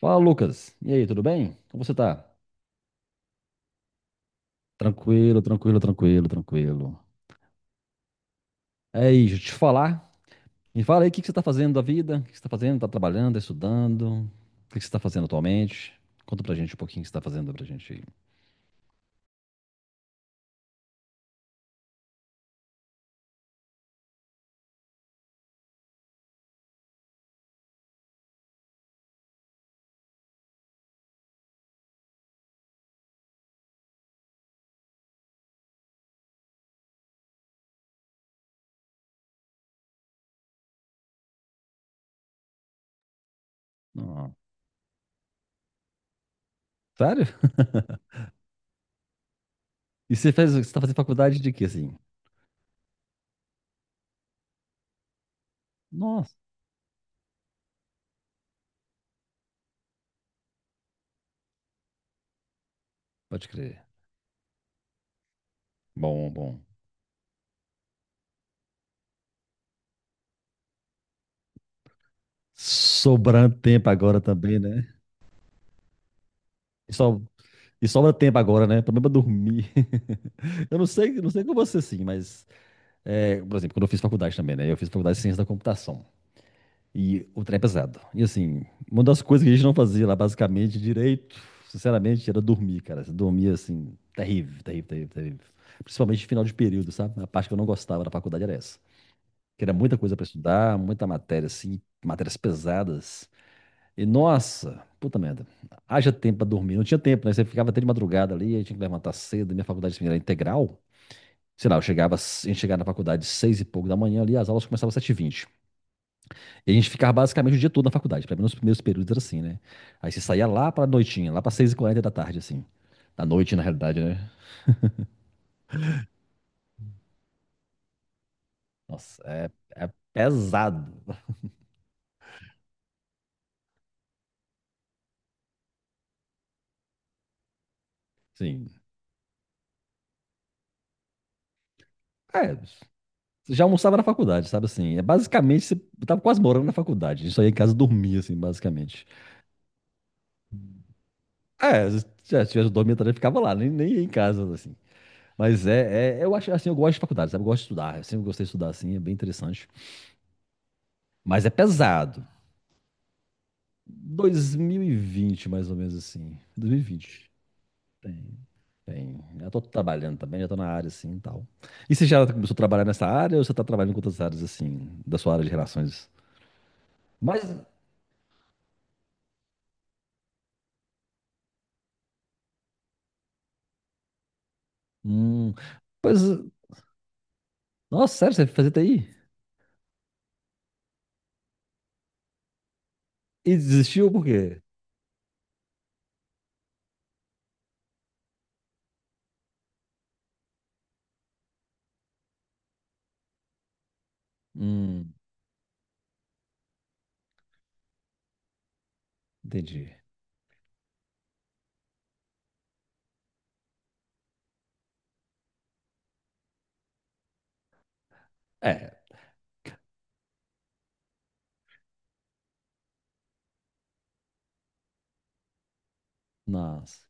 Fala, Lucas. E aí, tudo bem? Como você tá? Tranquilo, tranquilo, tranquilo, tranquilo. É isso, deixa eu te falar. Me fala aí o que que você tá fazendo da vida, o que que você tá fazendo, tá trabalhando, tá estudando, o que que você tá fazendo atualmente? Conta pra gente um pouquinho o que você tá fazendo pra gente aí. Não. Sério? E você tá fazendo faculdade de quê, assim? Nossa, pode crer. Bom, bom. Sobrando tempo agora também, né? E, so- e sobra tempo agora, né? Problema é dormir. Eu não sei com você sim, mas é, por exemplo, quando eu fiz faculdade também, né? Eu fiz faculdade de ciência da computação. E o trem é pesado. E assim, uma das coisas que a gente não fazia lá, basicamente, direito, sinceramente, era dormir, cara. Você dormia assim, terrível, terrível, terrível, terrível. Principalmente no final de período, sabe? A parte que eu não gostava da faculdade era essa. Que era muita coisa pra estudar, muita matéria, assim, matérias pesadas. E nossa, puta merda. Haja tempo pra dormir. Não tinha tempo, né? Você ficava até de madrugada ali, aí tinha que levantar cedo. Minha faculdade assim, era integral. Sei lá, eu chegava, a gente chegava na faculdade seis e pouco da manhã ali, as aulas começavam às 7h20. E a gente ficava basicamente o dia todo na faculdade, pelo menos nos primeiros períodos era assim, né? Aí você saía lá pra noitinha, lá pra 6h40 da tarde, assim. Da noite, na realidade, né? Nossa, é pesado. Sim, é, você já almoçava na faculdade, sabe assim? É basicamente, você tava quase morando na faculdade. A gente só ia em casa dormir, assim, basicamente. É, se já tivesse dormido também, ficava lá, nem ia em casa, assim. Mas eu acho assim, eu gosto de faculdade, sabe? Eu gosto de estudar, eu sempre gostei de estudar, assim, é bem interessante. Mas é pesado. 2020, mais ou menos assim. 2020. Tem, tem. Já tô trabalhando também, já tô na área assim e tal. E você já começou a trabalhar nessa área ou você tá trabalhando com outras áreas assim, da sua área de relações? Mas, hum, pois, nossa, sério, você fazia TI? E desistiu por quê? Hum, Entendi. É, nossa.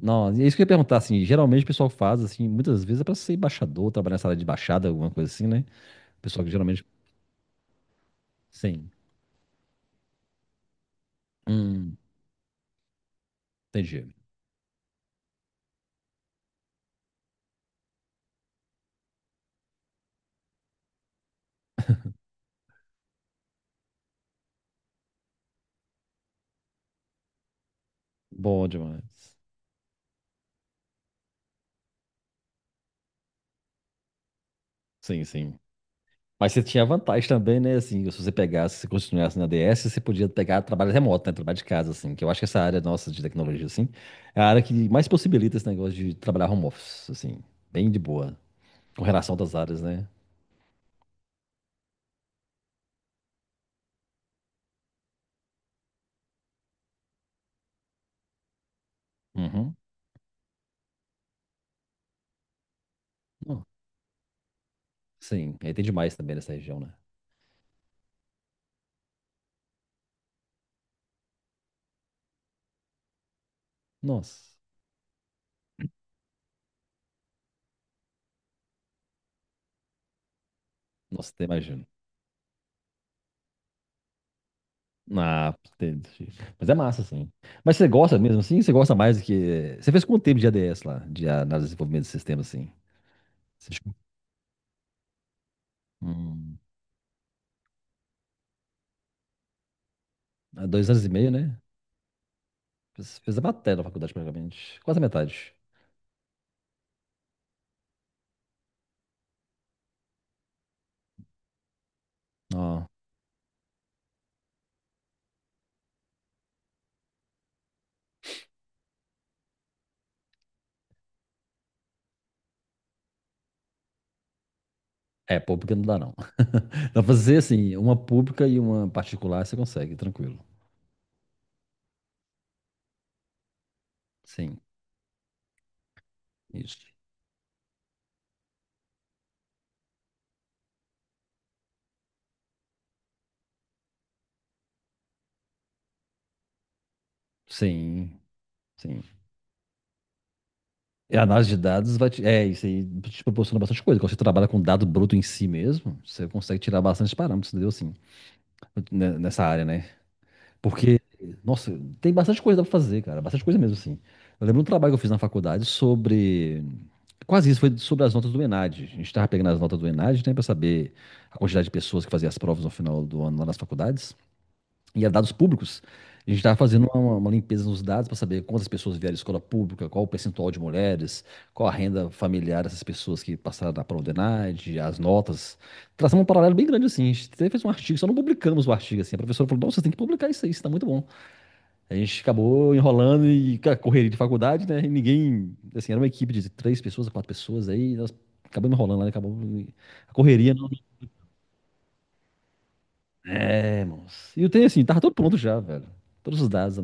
Não, é isso que eu ia perguntar, assim, geralmente o pessoal faz, assim, muitas vezes é pra ser embaixador, trabalhar nessa área de embaixada, alguma coisa assim, né? O pessoal que geralmente, sim. Hum, Entendi. Bom demais. Sim, sim. Mas você tinha vantagem também, né? Assim, se você pegasse, se continuasse na DS, você podia pegar trabalho remoto, né? Trabalho de casa, assim. Que eu acho que essa área nossa de tecnologia, assim, é a área que mais possibilita esse negócio de trabalhar home office, assim. Bem de boa. Com relação a outras áreas, né? Uhum. Não, sim, aí tem demais também nessa região, né? Nossa. Nossa, até imagino. Ah, entendi. Mas é massa, assim. Mas você gosta mesmo, assim? Você gosta mais do que... Você fez quanto tempo de ADS lá? De análise de desenvolvimento de sistema, assim? Você... chegou- Hum. Há 2 anos e meio, né? Fiz a matéria da faculdade, praticamente. Quase a metade. Ó, é, pública não dá, não. Dá pra fazer, assim, uma pública e uma particular, você consegue, tranquilo. Sim, isso. Sim, sim. E a análise de dados vai te... É, isso aí te proporciona bastante coisa. Quando você trabalha com dado bruto em si mesmo, você consegue tirar bastante parâmetros, entendeu? Assim, né, nessa área, né? Porque, nossa, tem bastante coisa pra fazer, cara. Bastante coisa mesmo, assim. Eu lembro um trabalho que eu fiz na faculdade sobre. Quase isso, foi sobre as notas do ENAD. A gente tava pegando as notas do ENAD, né, pra saber a quantidade de pessoas que faziam as provas no final do ano lá nas faculdades. E era dados públicos. A gente tava fazendo uma limpeza nos dados pra saber quantas pessoas vieram à escola pública, qual o percentual de mulheres, qual a renda familiar dessas pessoas que passaram na prova do ENAD, as notas. Traçamos um paralelo bem grande, assim. A gente até fez um artigo, só não publicamos o artigo, assim. A professora falou: não, vocês têm que publicar isso aí, isso tá muito bom. A gente acabou enrolando e cara, correria de faculdade, né? E ninguém, assim, era uma equipe de três pessoas, quatro pessoas aí, nós acabamos enrolando lá, né? Acabou a correria não. É, moço. E o tenho assim, tava todo pronto já, velho. Todos os dados.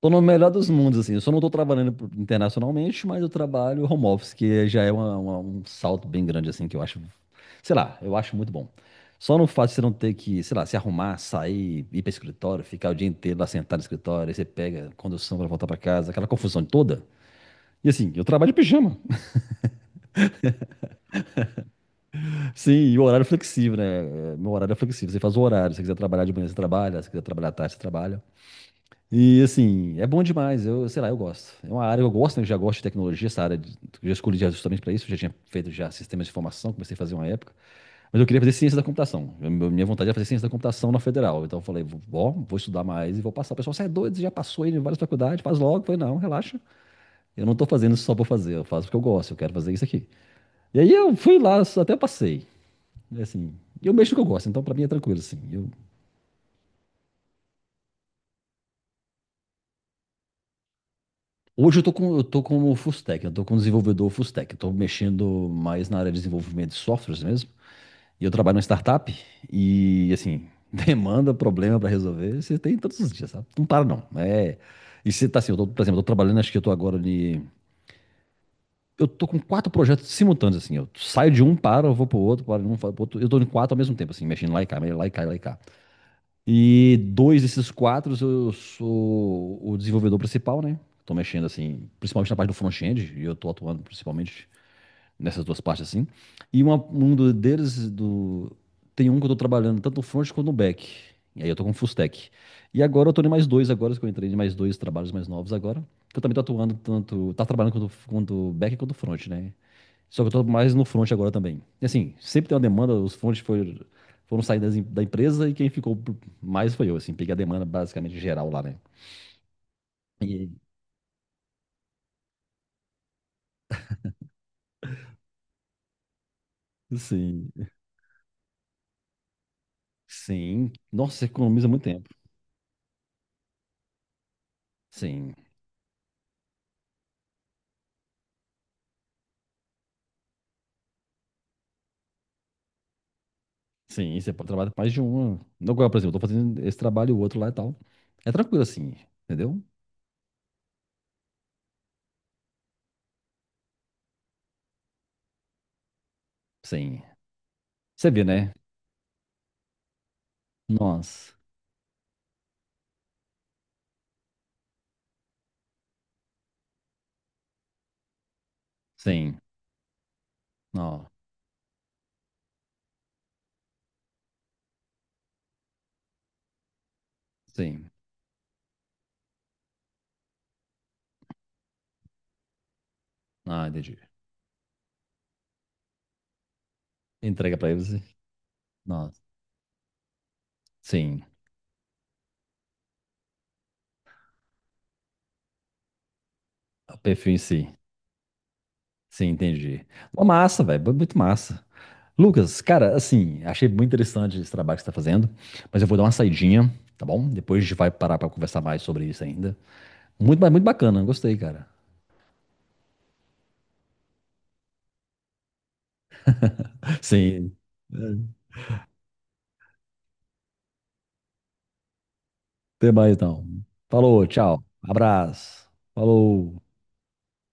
Tô no melhor dos mundos, assim. Eu só não tô trabalhando por- internacionalmente, mas eu trabalho home office, que já é um salto bem grande, assim, que eu acho, sei lá, eu acho muito bom. Só no fato de você não ter que, sei lá, se arrumar, sair, ir para escritório, ficar o dia inteiro lá sentado no escritório, aí você pega condução para voltar para casa, aquela confusão toda. E assim, eu trabalho de pijama. Sim, e o horário é flexível, né? É, meu horário é flexível. Você faz o horário. Se você quiser trabalhar de manhã, você trabalha. Se quiser trabalhar à tarde, você trabalha. E assim, é bom demais. Eu, sei lá, eu gosto. É uma área que eu gosto, né? Eu já gosto de tecnologia, essa área. De- eu já escolhi já justamente para isso. Eu já tinha feito já sistemas de informação, comecei a fazer uma época. Mas eu queria fazer ciência da computação. Minha vontade era fazer ciência da computação na federal. Então eu falei, vou estudar mais e vou passar. O pessoal, você é doido, você já passou aí em várias faculdades, faz logo. Eu falei, não, relaxa. Eu não tô fazendo isso só pra fazer, eu faço porque eu gosto, eu quero fazer isso aqui. E aí eu fui lá, só até passei. E, assim, eu mexo no que eu gosto, então pra mim é tranquilo, assim. Eu Hoje eu tô como full stack, eu tô como desenvolvedor full stack. Eu tô mexendo mais na área de desenvolvimento de softwares mesmo. E eu trabalho numa startup e, assim, demanda, problema pra resolver, você tem todos os dias, sabe? Não para não. É... E você tá assim, eu tô, por exemplo, eu tô trabalhando, acho que eu tô agora ali... Eu tô com quatro projetos simultâneos, assim. Eu saio de um, paro, eu vou pro outro, paro de um, vou pro outro. Eu tô em quatro ao mesmo tempo, assim, mexendo lá e cá, lá e cá, lá e cá. E dois desses quatro eu sou o desenvolvedor principal, né? Tô mexendo assim, principalmente na parte do front-end, e eu tô atuando principalmente nessas duas partes assim. E uma, um do- deles do tem um que eu tô trabalhando tanto no front quanto no back. E aí eu tô com full stack. E agora eu tô em mais dois agora, que eu entrei em mais dois trabalhos mais novos agora, que eu também tô atuando tanto, tá trabalhando quanto back quanto front, né? Só que eu tô mais no front agora também. E assim, sempre tem uma demanda, os fronts foram sair da empresa e quem ficou mais foi eu, assim. Peguei a demanda basicamente geral lá, né? E, sim, sim. Nossa, você economiza muito tempo. Sim, sim. Você pode trabalhar com mais de uma. Agora, por exemplo, eu tô fazendo esse trabalho e o outro lá e tal. É tranquilo assim, entendeu? Sim. Você vê, né? Nossa. Sim. Não. Sim. Ah, entendi. Entrega pra eles. Nossa. Sim. O perfil em si. Sim, entendi. Uma massa, velho, muito massa. Lucas, cara, assim, achei muito interessante esse trabalho que você tá fazendo, mas eu vou dar uma saidinha, tá bom? Depois a gente vai parar pra conversar mais sobre isso ainda. Muito bacana, gostei, cara. Sim. É, até mais então. Falou, tchau. Abraço. Falou.